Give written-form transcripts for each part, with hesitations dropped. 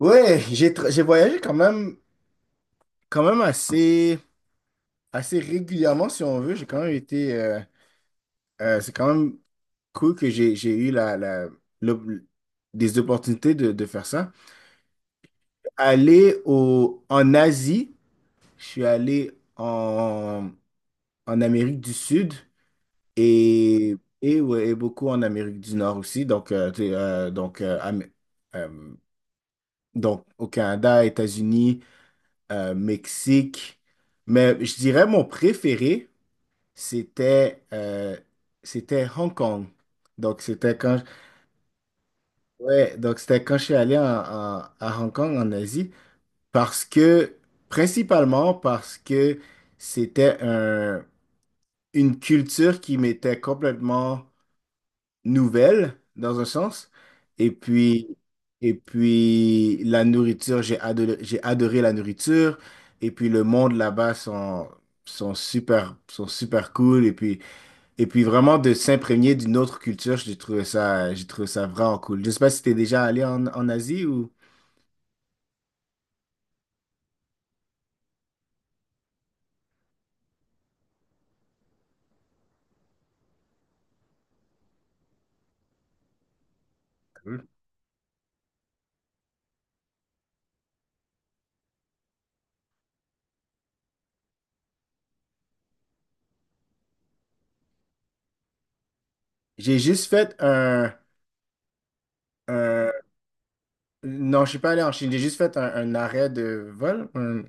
Ouais, j'ai voyagé quand même assez, assez régulièrement, si on veut. J'ai quand même été. C'est quand même cool que j'ai eu le- des opportunités de faire ça. Aller en Asie, je suis allé en Amérique du Sud et ouais, et beaucoup en Amérique du Nord aussi. Donc, euh, donc au Canada, États-Unis, Mexique. Mais je dirais mon préféré, c'était c'était Hong Kong. Donc c'était quand Ouais, donc c'était quand je suis allé à Hong Kong en Asie parce que principalement parce que c'était un- une culture qui m'était complètement nouvelle, dans un sens. Et puis, et puis la nourriture, j'ai adoré la nourriture. Et puis, le monde là-bas sont, sont super cool. Et puis vraiment de s'imprégner d'une autre culture, j'ai trouvé ça vraiment cool. Je sais pas si t'es déjà allé en Asie ou... Cool. J'ai juste fait un- Non, je suis pas allé en Chine. J'ai juste fait un arrêt de vol,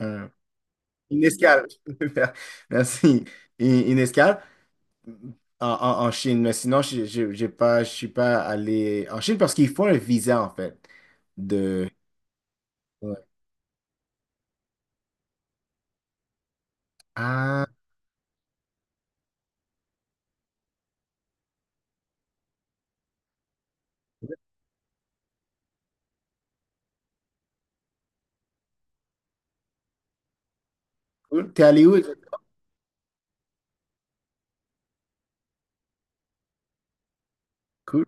un- une escale. Merci. Une escale. En Chine, mais sinon, je- j'ai pas, je suis pas allé en Chine parce qu'il faut un visa, en fait. De... Ouais. Ah, cool. T'es allé où exactement? Cool.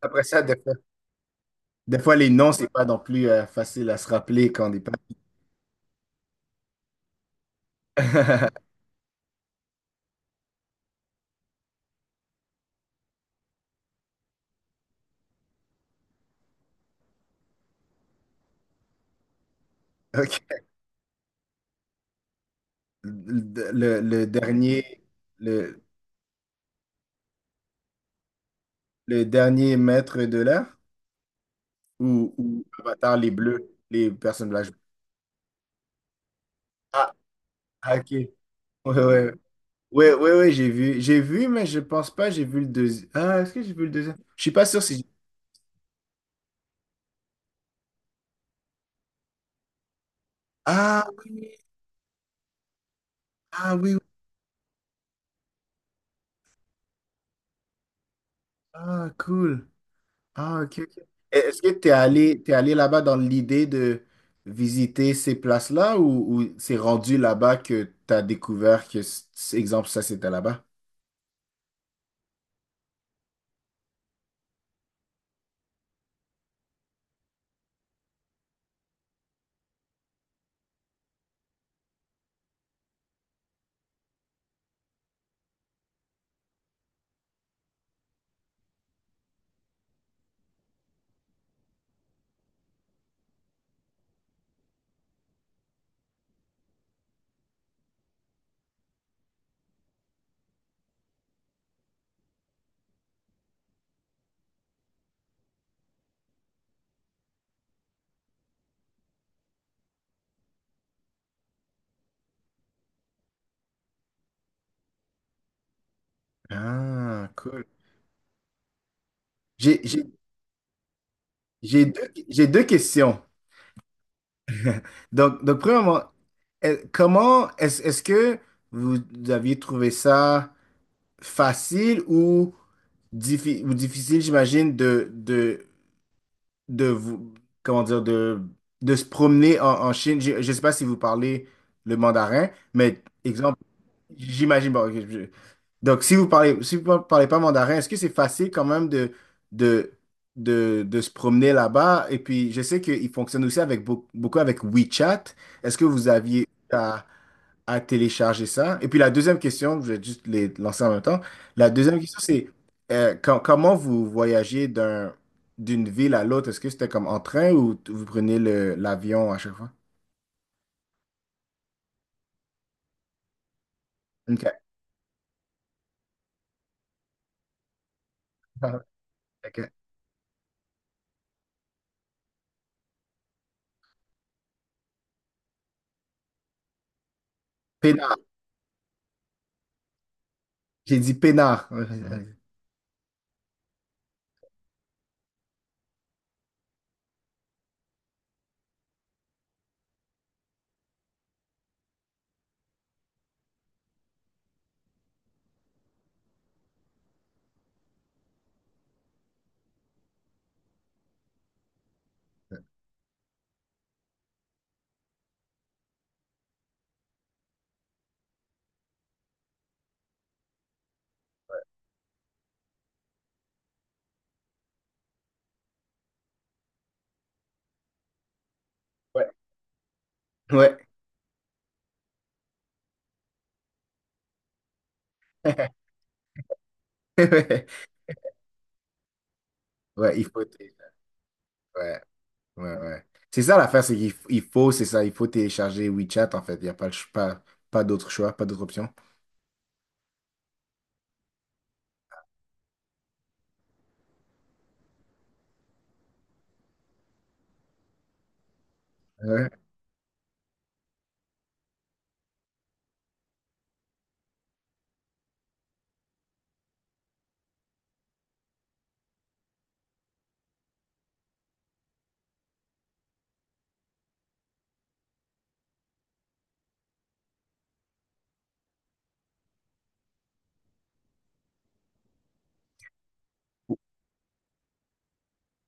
Après ça, des fois, les noms, c'est pas non plus facile à se rappeler quand on est pas. OK. Le dernier, le, le dernier maître de l'air ou Avatar, les bleus, les personnes blanches. Ah, ah, ok. Ouais, ouais. Oui, oui, oui, j'ai vu. J'ai vu, mais je pense pas, j'ai vu le deuxième. Ah, est-ce que j'ai vu le deuxième? Je suis pas sûr si... Ah oui, ah oui, oui. Ah, cool. Ah, ok, ok. Et est-ce que t'es allé là-bas dans l'idée de visiter ces places-là, ou c'est rendu là-bas que t'as découvert que, exemple, ça, c'était là-bas? Ah, cool. J'ai, j'ai, j'ai deux, j'ai deux questions. Donc premièrement, est-ce que vous aviez trouvé ça facile ou, ou difficile, j'imagine, de vous, comment dire, de se promener en Chine. Je ne sais pas si vous parlez le mandarin, mais exemple, j'imagine pas. Ok, donc si vous parlez, si vous parlez pas mandarin, est-ce que c'est facile quand même de, de se promener là-bas? Et puis, je sais qu'ils fonctionnent aussi avec beaucoup avec WeChat. Est-ce que vous aviez à télécharger ça? Et puis, la deuxième question, je vais juste les lancer en même temps. La deuxième question, c'est comment vous voyagez d'une ville à l'autre? Est-ce que c'était comme en train ou vous prenez le, l'avion à chaque fois? OK. OK. Pénard. J'ai dit Pénard. Ouais. Ouais, ouais, ouais, ouais. C'est ça l'affaire, c'est qu'il f- il faut, c'est ça, il faut télécharger WeChat en fait. Il n'y a pas, pas d'autre choix, pas d'autre option. Ouais,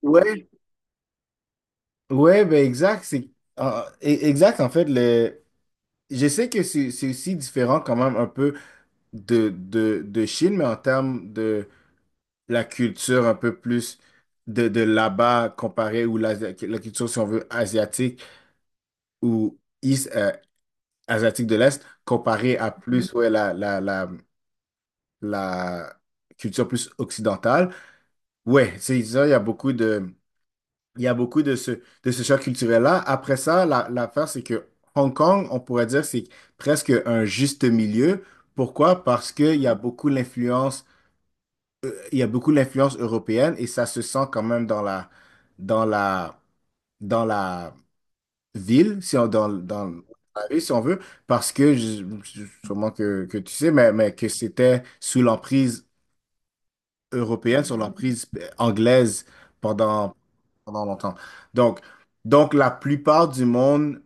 ouais, ouais, ben exact. C'est, exact, en fait. Je sais que c'est aussi différent quand même un peu de Chine, mais en termes de la culture un peu plus de là-bas, comparé ou la culture, si on veut, asiatique ou asiatique de l'Est, comparé à plus ouais, la culture plus occidentale. Ouais, c'est ça, il y a beaucoup de, il y a beaucoup de ce choc culturel-là. Après ça, l'affaire, c'est que Hong Kong, on pourrait dire, c'est presque un juste milieu. Pourquoi? Parce qu'il y a beaucoup l'influence, il y a beaucoup l'influence européenne et ça se sent quand même dans la, dans la ville, si on, dans, dans la rue, si on veut, parce que, sûrement que tu sais, mais que c'était sous l'emprise européenne, sous l'emprise anglaise pendant, pendant longtemps. Donc, donc la plupart du monde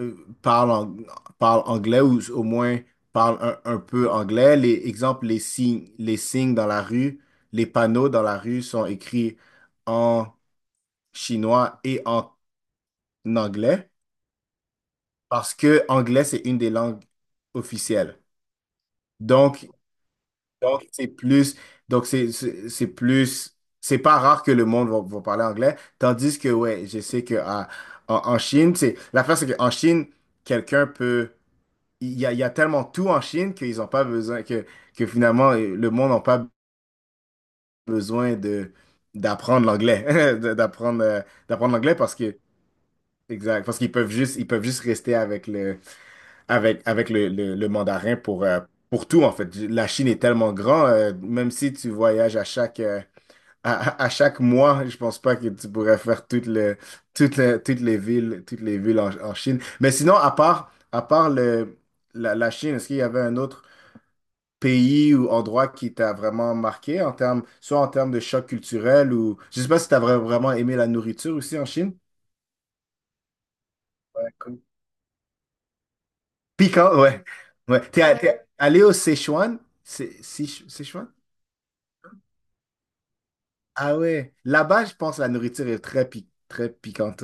euh, parle, ang- parle anglais ou au moins parle un peu anglais. Les exemples, les signes dans la rue, les panneaux dans la rue sont écrits en chinois et en anglais. Parce que anglais, c'est une des langues officielles. Donc, donc c'est plus, donc c'est plus, c'est pas rare que le monde va, va parler anglais. Tandis que, ouais, je sais que en Chine, c'est l'affaire, c'est qu'en Chine, quelqu'un peut, il y a tellement tout en Chine qu'ils n'ont pas besoin, que finalement, le monde n'a pas besoin de d'apprendre l'anglais, d'apprendre l'anglais parce que, exact, parce qu'ils peuvent juste, ils peuvent juste rester avec le avec, avec le mandarin pour tout, en fait. La Chine est tellement grand, même si tu voyages à chaque, à chaque mois, je pense pas que tu pourrais faire toutes les villes en Chine. Mais sinon, à part, la Chine, est-ce qu'il y avait un autre pays ou endroit qui t'a vraiment marqué en termes, soit en termes de choc culturel, ou je sais pas si t'as vraiment aimé la nourriture aussi en Chine? Ouais, cool. Piquant, ouais. Ouais. T'es allé au Sichuan? C'est Sichuan? Ah ouais. Là-bas, je pense que la nourriture est très, très piquante.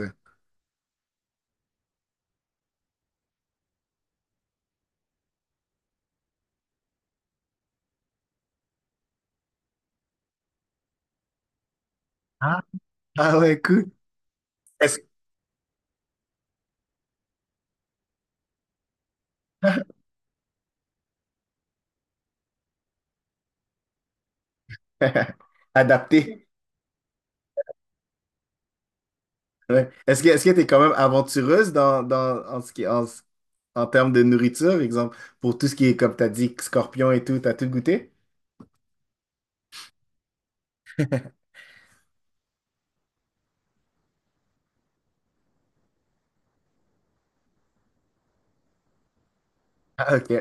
Ah, ah ouais, cool. Est-ce... Adapté. Ouais. Est-ce que t'es quand même aventureuse dans, dans en ce qui en, ce- en termes de nourriture, exemple, pour tout ce qui est, comme t'as dit, scorpion et tout, t'as tout goûté? Ah ok.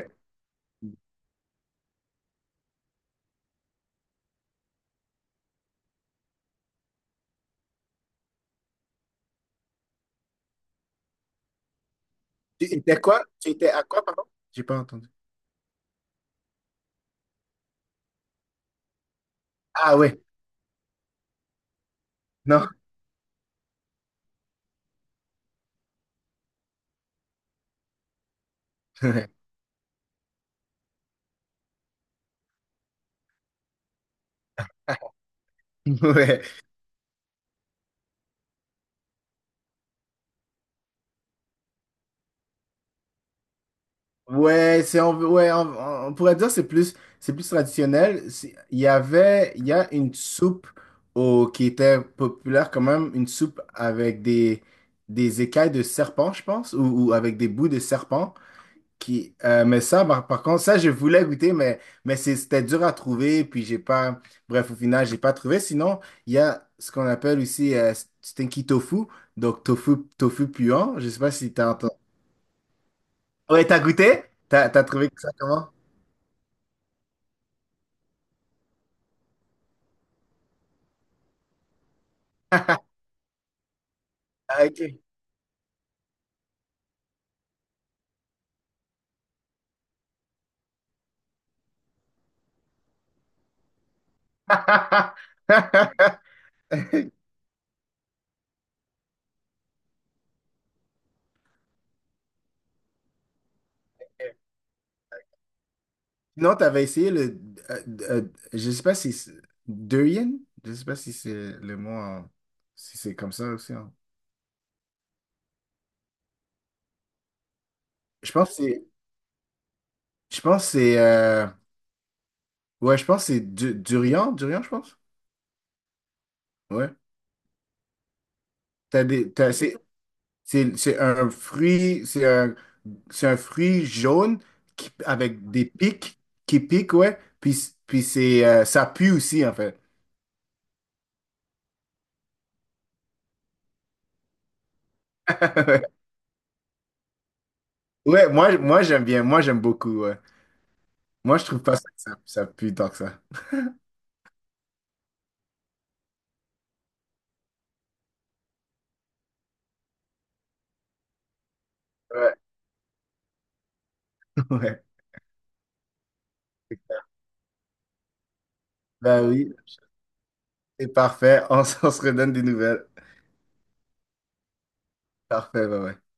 Tu étais quoi? Tu étais à quoi, pardon? J'ai pas entendu. Ah ouais. Non. Ouais. Ouais, ouais, on pourrait dire que c'est plus traditionnel. C'est- il y avait il y a une soupe qui était populaire quand même, une soupe avec des écailles de serpent, je pense, ou avec des bouts de serpent. Qui, mais ça, par, par contre, ça je voulais goûter, mais c'était dur à trouver, puis j'ai pas, bref, au final j'ai pas trouvé. Sinon, il y a ce qu'on appelle aussi stinky tofu, donc tofu puant. Je sais pas si t'as entendu. Ouais, t'as goûté? T'as trouvé ça comment? Ah, ok. Sinon, tu avais essayé le, euh, euh, je sais pas si durian? Je sais pas si c'est le mot, si c'est comme ça aussi, je pense que c'est, Je pense que c'est. euh, ouais, je pense que c'est du durian. Durian, je pense. Ouais. C'est c'est un fruit. C'est un fruit jaune qui- avec des pics qui piquent, ouais. Puis, puis c'est, ça pue aussi, en fait. Ouais, moi, moi j'aime bien, moi j'aime beaucoup, ouais. Moi je trouve pas ça que ça pue tant que ça. Ouais, ouais. Ben oui, c'est parfait, on, on se redonne des nouvelles. Parfait, ouais, ouais.